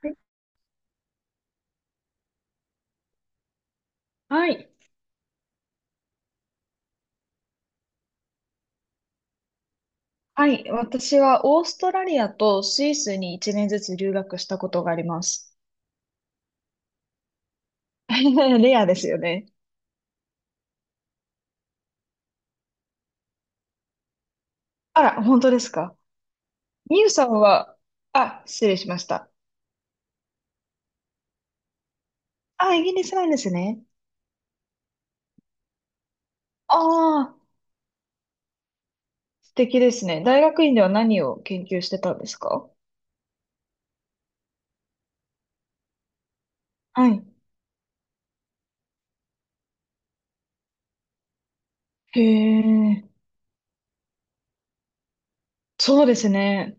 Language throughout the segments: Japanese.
はいはい、私はオーストラリアとスイスに1年ずつ留学したことがあります。レアですよね。あら、本当ですか。ミユさんは、あ、失礼しました。あ、イギリスなんですね。ああ、素敵ですね。大学院では何を研究してたんですか？はい。へえ、そうですね。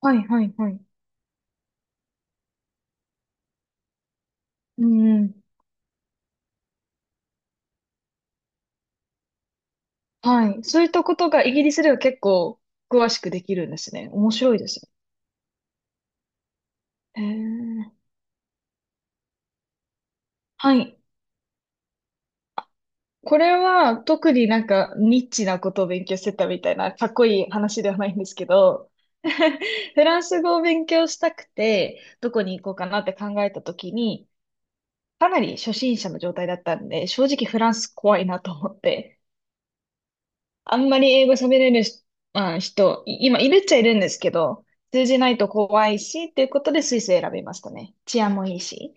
はい、はい、はい。うん、うん。はい。そういったことがイギリスでは結構詳しくできるんですね。面白いですね。へえ、はい。これは特になんかニッチなことを勉強してたみたいなかっこいい話ではないんですけど、フランス語を勉強したくて、どこに行こうかなって考えた時に、かなり初心者の状態だったんで、正直フランス怖いなと思って、あんまり英語喋れるし、まあ、今いるっちゃいるんですけど、通じないと怖いし、っていうことでスイス選びましたね。治安もいいし、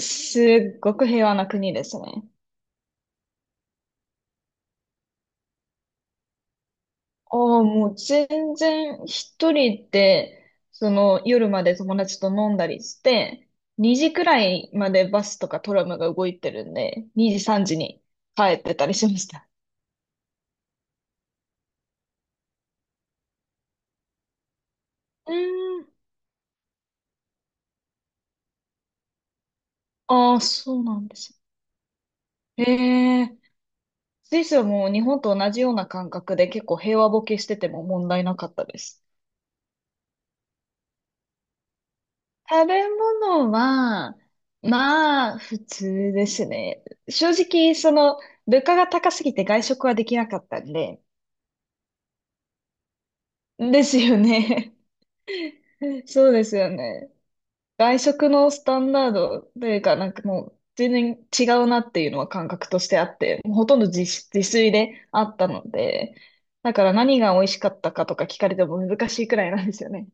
すっごく平和な国ですね。ああ、もう全然一人で、その夜まで友達と飲んだりして、2時くらいまでバスとかトラムが動いてるんで、2時3時に帰ってたりしました。うーん。ああ、そうなんですね。へえ。スイスはもう日本と同じような感覚で結構平和ボケしてても問題なかったです。食べ物は、まあ、普通ですね。正直、その、物価が高すぎて外食はできなかったんで、ですよね。そうですよね。外食のスタンダードというか、なんかもう全然違うなっていうのは感覚としてあって、もうほとんど自炊であったので、だから何が美味しかったかとか聞かれても難しいくらいなんですよね。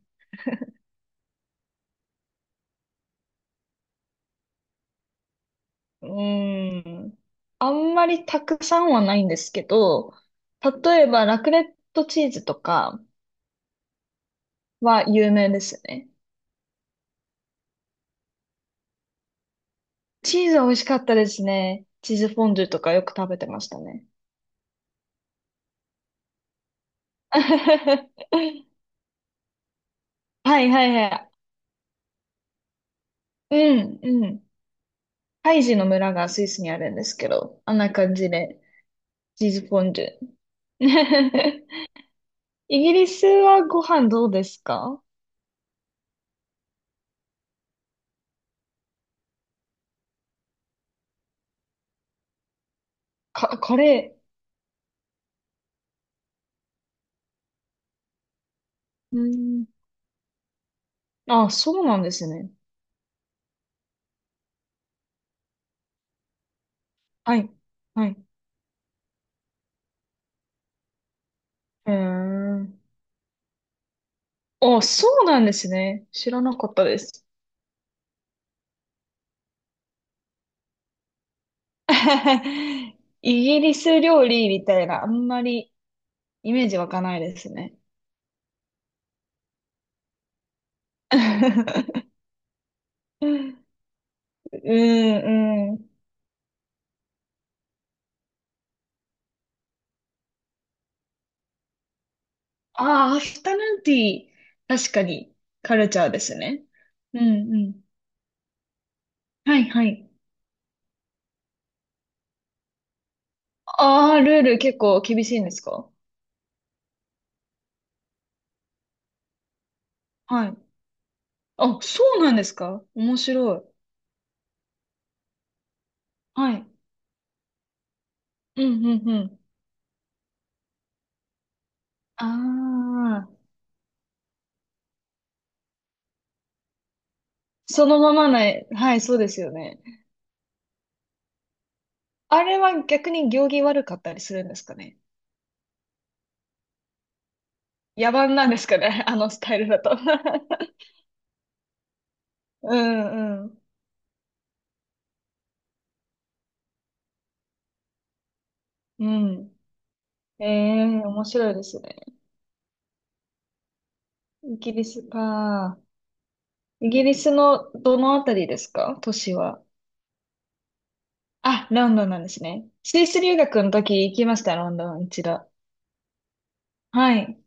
うーん。あんまりたくさんはないんですけど、例えばラクレットチーズとかは有名ですよね。チーズは美味しかったですね。チーズフォンデュとかよく食べてましたね。はいはいはい。うんうん。ハイジの村がスイスにあるんですけど、あんな感じで、チーズフォンデュ。イギリスはご飯どうですか？か、カレー。うん。あ、そうなんですね。はい。はい。うーん。あ、そうなんですね。知らなかったです。イギリス料理みたいな、あんまりイメージ湧かないですね。うん、うん。ああ、アフタヌーンティー、確かにカルチャーですね。うんうん。はいはい。ああ、ルール結構厳しいんですか？はい。あ、そうなんですか？面白い。はい。うんうんうん。ああ、そのままない。はい、そうですよね。あれは逆に行儀悪かったりするんですかね？野蛮なんですかね？ あのスタイルだと。 うんうん。うん。ええ、面白いですね。イギリスか。イギリスのどのあたりですか、都市は。あ、ロンドンなんですね。スイス留学の時行きました、ロンドン一度。はい。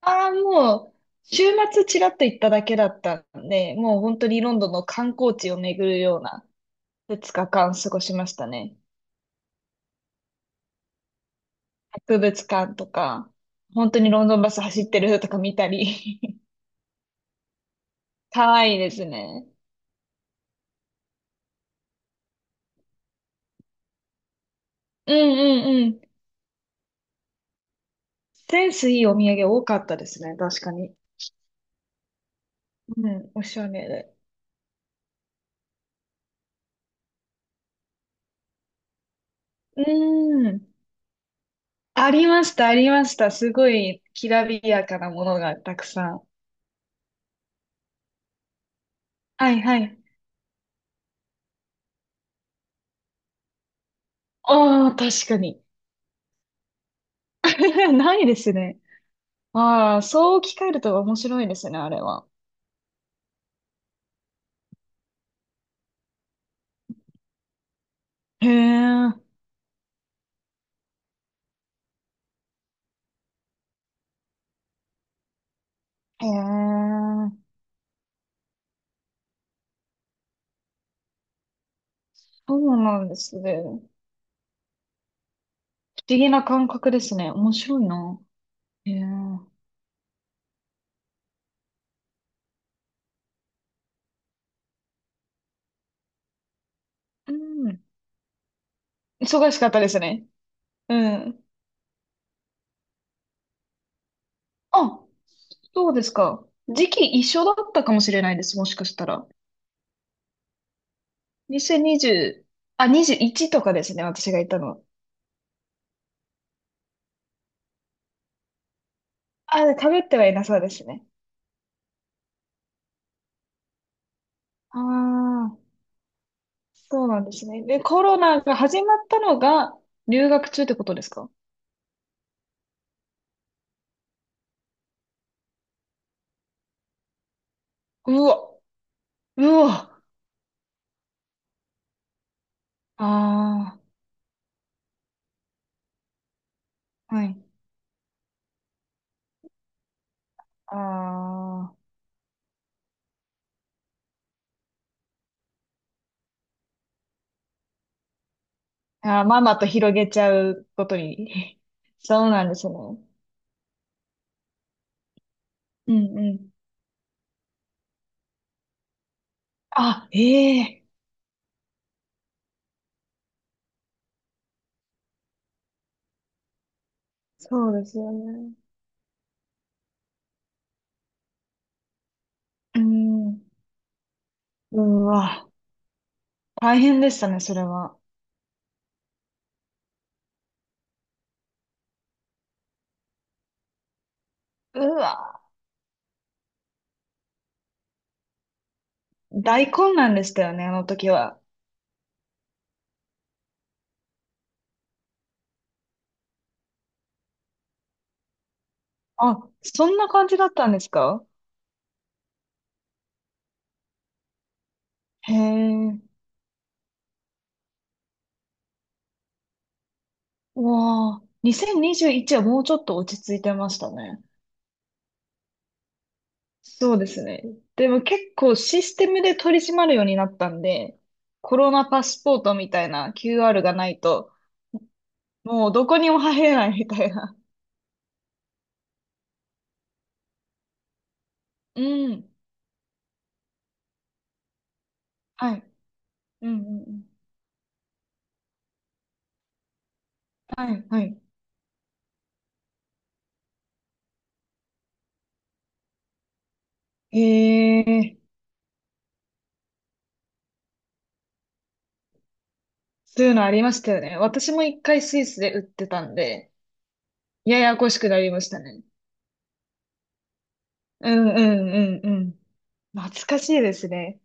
ああ、もう、週末ちらっと行っただけだったんで、もう本当にロンドンの観光地を巡るような2日間過ごしましたね。博物館とか、本当にロンドンバス走ってるとか見たり。かわいいですね。うんうんうん。センスいいお土産多かったですね、確かに。うん、おしゃれで。うん。ありました、ありました。すごい、きらびやかなものがたくさん。はいはい。ああ、確かに。ないですね。ああ、そう置き換えると面白いですね、あれは。へえ。へえ。そうなんですね。不思議な感覚ですね。面白いな。へえ。うん。忙しかったですね。うん。あ、そうですか。時期一緒だったかもしれないです、もしかしたら。2020、あ、21とかですね、私がいたのは。あ、かぶってはいなそうですね。ああ、そうなんですね。で、コロナが始まったのが留学中ってことですか？うわ、うわ、ああ、はい。あーあー、ママと広げちゃうことに。そうなんですね。うんうん。あ、ええ、そうですよね。うん。うわ、大変でしたね、それは。うわ、大混乱でしたよね、あの時は。あ、そんな感じだったんですか？へえ。うわあ、2021はもうちょっと落ち着いてましたね。そうですね。でも結構システムで取り締まるようになったんで、コロナパスポートみたいな QR がないと、もうどこにも入れないみたいな。うん。はい。うんうんうん。はい、はい。へえ、そういうのありましたよね。私も一回スイスで売ってたんで、ややこしくなりましたね。うんうんうんうん。懐かしいですね。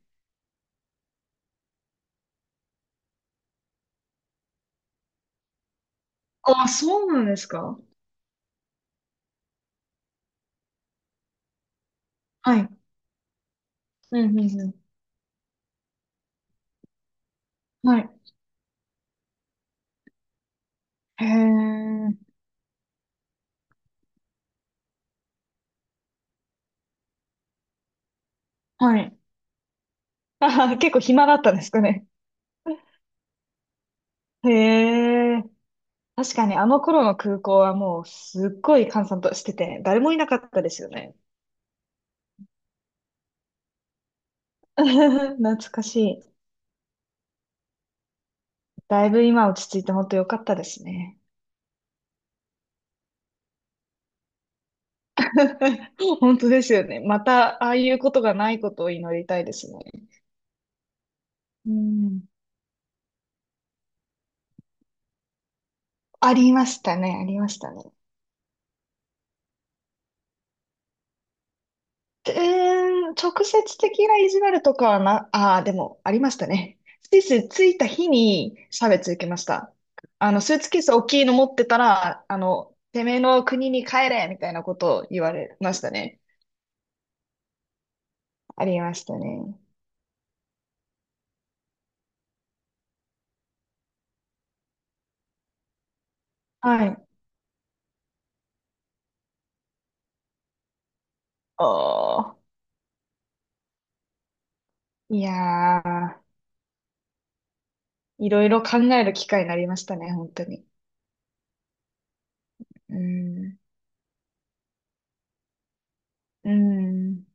あ、そうなんですか？はい。うんうんうん。はい。へえ。はい。あはは、結構暇だったんですかね。へえ。確かにあの頃の空港はもうすっごい閑散としてて、誰もいなかったですよね。懐かしい。だいぶ今落ち着いて本当良かったですね。本当ですよね。またああいうことがないことを祈りたいですね。うん。ありましたね。ありましたね。うーん、直接的な意地悪とかはな、ああ、でもありましたね。スイス着いた日に差別受けました。あの、スーツケース大きいの持ってたら、あの、てめえの国に帰れみたいなことを言われましたね。ありましたね。はい。おー。いやー、いろいろ考える機会になりましたね、本当に。うーん。うーん。